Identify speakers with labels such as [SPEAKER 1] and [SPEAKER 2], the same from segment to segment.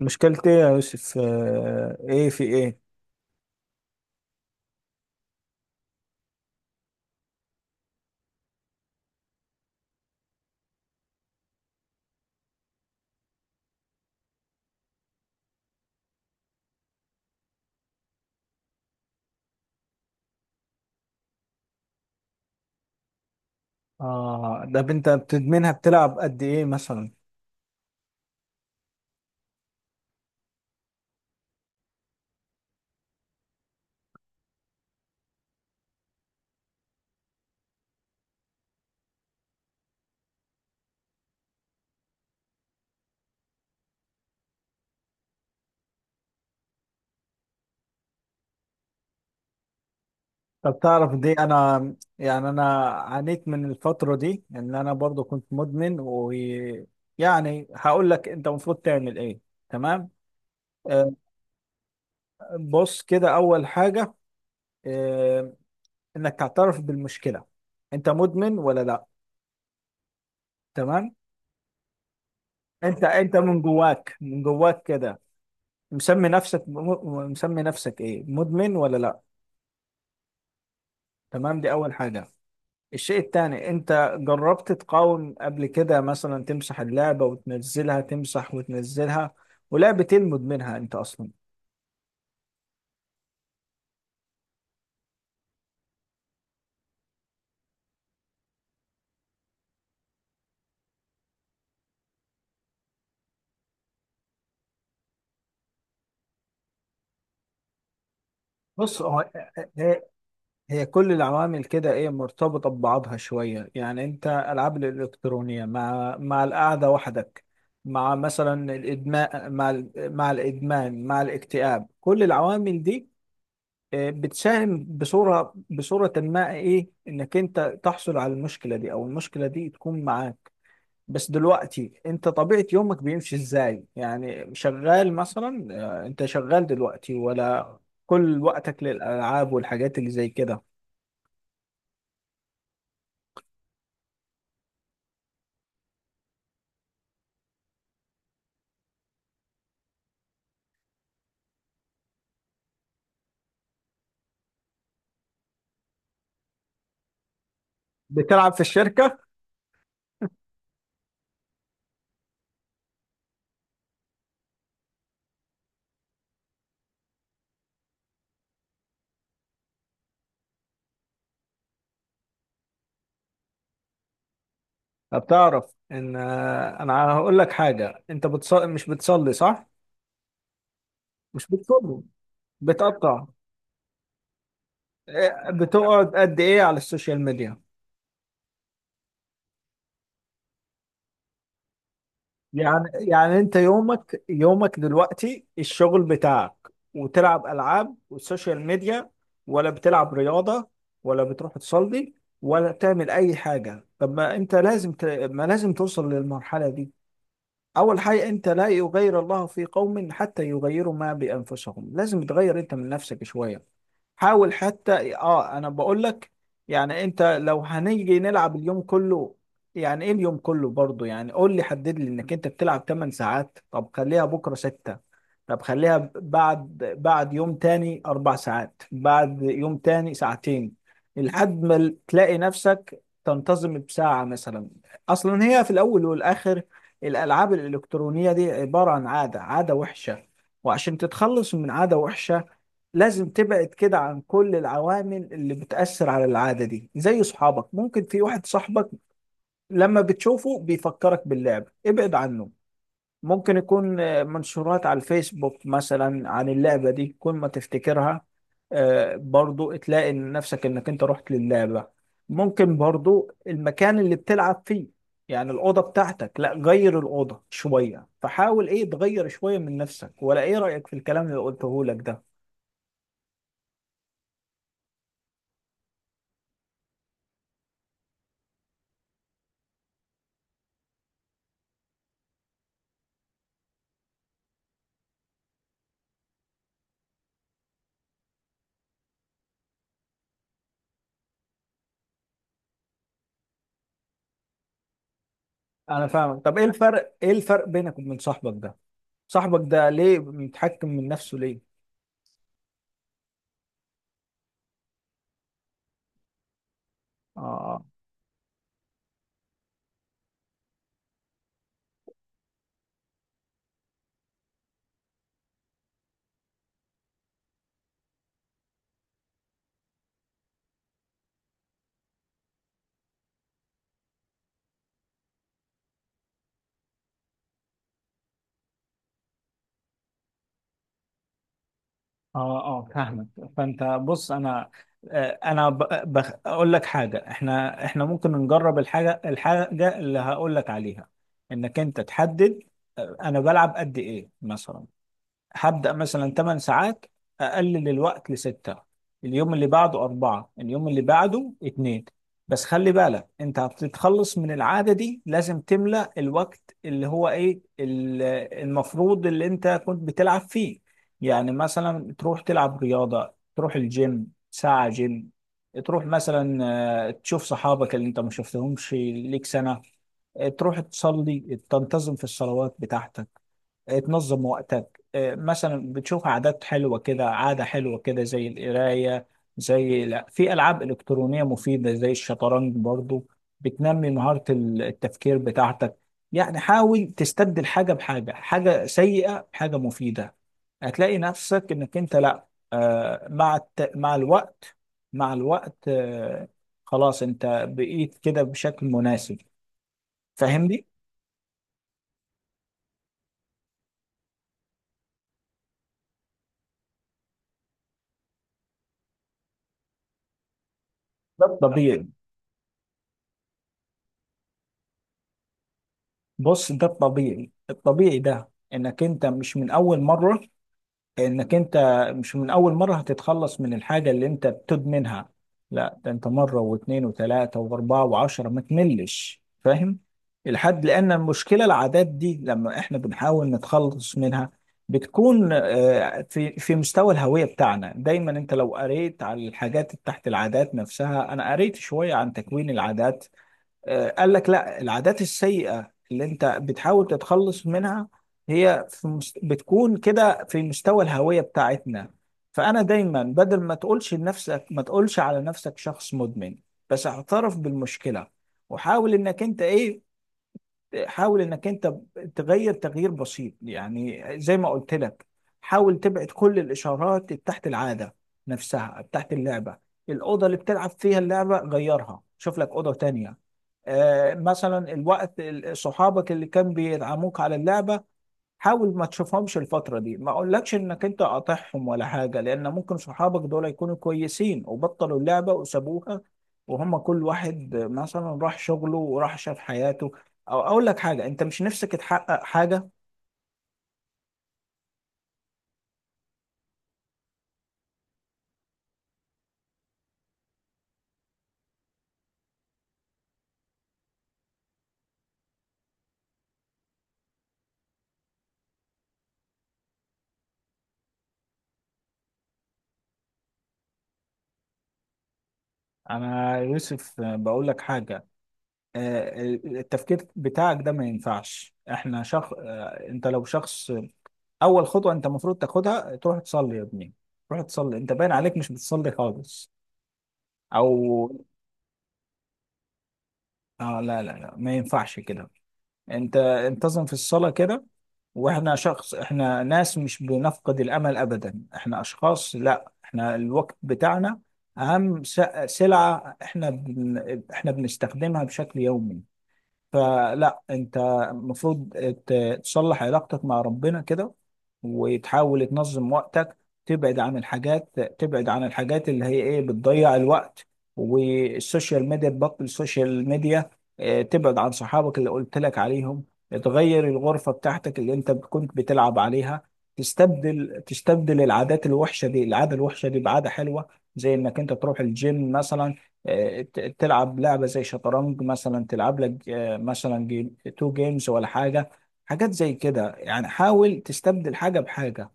[SPEAKER 1] مشكلتي يا يوسف، ايه؟ في ايه؟ اه ده انت بتدمنها، بتلعب قد ايه مثلا؟ طب تعرف دي؟ انا يعني انا عانيت من الفترة دي ان انا برضو كنت مدمن، ويعني هقول لك انت المفروض تعمل ايه. تمام. آه، بص، كده اول حاجة، آه، انك تعترف بالمشكلة. انت مدمن ولا لا؟ تمام. انت من جواك كده، مسمي نفسك ايه، مدمن ولا لا؟ تمام، دي أول حاجة. الشيء التاني، أنت جربت تقاوم قبل كده؟ مثلا تمسح اللعبة وتنزلها، تمسح وتنزلها، ولا بتلمد منها أنت أصلا؟ بص، هي هي كل العوامل كده إيه، مرتبطة ببعضها شوية. يعني أنت ألعاب الإلكترونية مع القعدة وحدك، مع مثلا الإدمان، مع الإدمان، مع الاكتئاب، كل العوامل دي بتساهم بصورة ما ايه انك انت تحصل على المشكلة دي، او المشكلة دي تكون معاك. بس دلوقتي انت طبيعة يومك بيمشي ازاي؟ يعني شغال مثلا؟ انت شغال دلوقتي ولا كل وقتك للألعاب والحاجات اللي زي كده؟ بتلعب في الشركة؟ بتعرف ان انا هقول لك حاجة، انت مش بتصلي صح؟ مش بتصلي؟ بتقطع؟ بتقعد قد ايه على السوشيال ميديا؟ يعني انت يومك دلوقتي الشغل بتاعك، وتلعب العاب والسوشيال ميديا، ولا بتلعب رياضة، ولا بتروح تصلي، ولا تعمل اي حاجة؟ طب ما انت لازم ما لازم توصل للمرحلة دي. اول حاجة، انت لا يغير الله في قوم حتى يغيروا ما بانفسهم، لازم تغير انت من نفسك شوية. حاول حتى، انا بقول لك. يعني انت لو هنيجي نلعب اليوم كله، يعني ايه اليوم كله برضو؟ يعني قول لي، حدد لي انك انت بتلعب 8 ساعات، طب خليها بكره 6، طب خليها بعد يوم تاني 4 ساعات، بعد يوم تاني ساعتين، لحد ما تلاقي نفسك تنتظم بساعة مثلا. اصلا هي في الاول والاخر الالعاب الالكترونية دي عبارة عن عادة وحشة، وعشان تتخلص من عادة وحشة لازم تبعد كده عن كل العوامل اللي بتأثر على العادة دي. زي صحابك، ممكن في واحد صاحبك لما بتشوفه بيفكرك باللعبة، ابعد عنه. ممكن يكون منشورات على الفيسبوك مثلا عن اللعبة دي، كل ما تفتكرها برضو تلاقي إن نفسك انك انت رحت للعبة. ممكن برضو المكان اللي بتلعب فيه، يعني الأوضة بتاعتك، لا غير الأوضة شوية. فحاول ايه تغير شوية من نفسك. ولا ايه رأيك في الكلام اللي قلته لك ده؟ انا فاهمك. طب ايه الفرق، بينك وبين صاحبك ده؟ صاحبك ده ليه متحكم من نفسه، ليه؟ اه، اه، اه، فاهمك. فانت بص، انا اقول لك حاجه، احنا ممكن نجرب الحاجه اللي هقول لك عليها. انك انت تحدد انا بلعب قد ايه مثلا. هبدأ مثلا 8 ساعات، أقلل الوقت ل6، اليوم اللي بعده 4، اليوم اللي بعده 2. بس خلي بالك أنت هتتخلص من العادة دي، لازم تملأ الوقت اللي هو إيه، المفروض اللي أنت كنت بتلعب فيه. يعني مثلا تروح تلعب رياضة، تروح الجيم ساعة جيم. تروح مثلا تشوف صحابك اللي أنت ما شفتهمش ليك سنة. تروح تصلي، تنتظم في الصلوات بتاعتك، تنظم وقتك، مثلا بتشوف عادات حلوة كده. عادة حلوة كده زي القراية، زي لا في ألعاب إلكترونية مفيدة زي الشطرنج برضو، بتنمي مهارة التفكير بتاعتك. يعني حاول تستبدل حاجة بحاجة، حاجة سيئة بحاجة مفيدة. هتلاقي نفسك إنك أنت، لا مع الوقت، مع الوقت خلاص أنت بقيت كده بشكل مناسب. فاهمني؟ ده طبيعي. بص، ده الطبيعي، ده انك انت مش من اول مرة هتتخلص من الحاجة اللي انت بتدمنها. لا ده انت مرة واثنين وثلاثة واربعة وعشرة ما تملش، فاهم الحد؟ لان المشكلة العادات دي لما احنا بنحاول نتخلص منها بتكون في مستوى الهوية بتاعنا دايما. انت لو قريت على الحاجات تحت العادات نفسها، انا قريت شوية عن تكوين العادات. قال لك لا، العادات السيئة اللي انت بتحاول تتخلص منها بتكون كده في مستوى الهوية بتاعتنا. فأنا دايما بدل ما تقولش على نفسك شخص مدمن، بس اعترف بالمشكلة. وحاول انك انت تغير تغيير بسيط. يعني زي ما قلت لك، حاول تبعد كل الاشارات بتاعت العاده نفسها، بتاعت اللعبه. الاوضه اللي بتلعب فيها اللعبه، غيرها، شوف لك اوضه تانية. مثلا الوقت، صحابك اللي كان بيدعموك على اللعبه، حاول ما تشوفهمش الفترة دي. ما اقولكش انك انت قاطعهم ولا حاجة، لان ممكن صحابك دول يكونوا كويسين وبطلوا اللعبة وسابوها، وهم كل واحد مثلا راح شغله وراح شاف حياته. او اقول لك حاجة، انت مش نفسك تحقق حاجة؟ انا يوسف بقول لك حاجة، آه، التفكير بتاعك ده ما ينفعش. احنا شخص، انت لو شخص، اول خطوه انت المفروض تاخدها تروح تصلي يا ابني. تروح تصلي، انت باين عليك مش بتصلي خالص. او اه لا، لا، لا، ما ينفعش كده. انت انتظم في الصلاة كده. واحنا شخص، احنا ناس مش بنفقد الامل ابدا. احنا اشخاص، لا احنا الوقت بتاعنا اهم سلعة، احنا بنستخدمها بشكل يومي. فلا انت المفروض تصلح علاقتك مع ربنا كده، وتحاول تنظم وقتك، تبعد عن الحاجات، اللي هي ايه بتضيع الوقت، والسوشيال ميديا، تبطل السوشيال ميديا. اه، تبعد عن صحابك اللي قلت لك عليهم. تغير الغرفة بتاعتك اللي انت كنت بتلعب عليها. تستبدل العادات الوحشة دي العادة الوحشة دي بعادة حلوة، زي انك انت تروح الجيم مثلا، تلعب لعبة زي شطرنج مثلا. تلعب لك مثلا جيم تو جيمز ولا حاجة، حاجات زي كده. يعني حاول تستبدل حاجة بحاجة.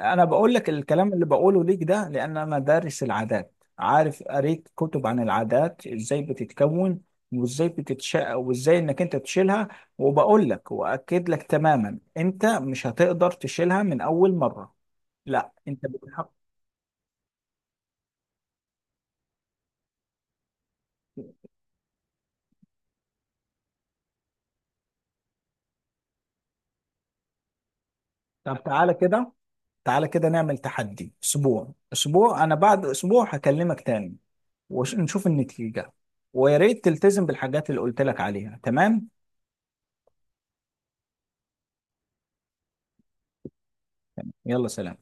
[SPEAKER 1] أنا بقول لك الكلام اللي بقوله ليك ده، لأن أنا دارس العادات، عارف، قريت كتب عن العادات إزاي بتتكون، وإزاي بتتشق، وإزاي إنك أنت تشيلها. وبقول لك وأكد لك تماما، أنت مش هتقدر تشيلها من أول مرة. لا أنت بتحط. طب تعالى كده، نعمل تحدي اسبوع، اسبوع انا بعد اسبوع هكلمك تاني ونشوف النتيجة. ويا ريت تلتزم بالحاجات اللي قلت لك عليها. تمام. يلا، سلام.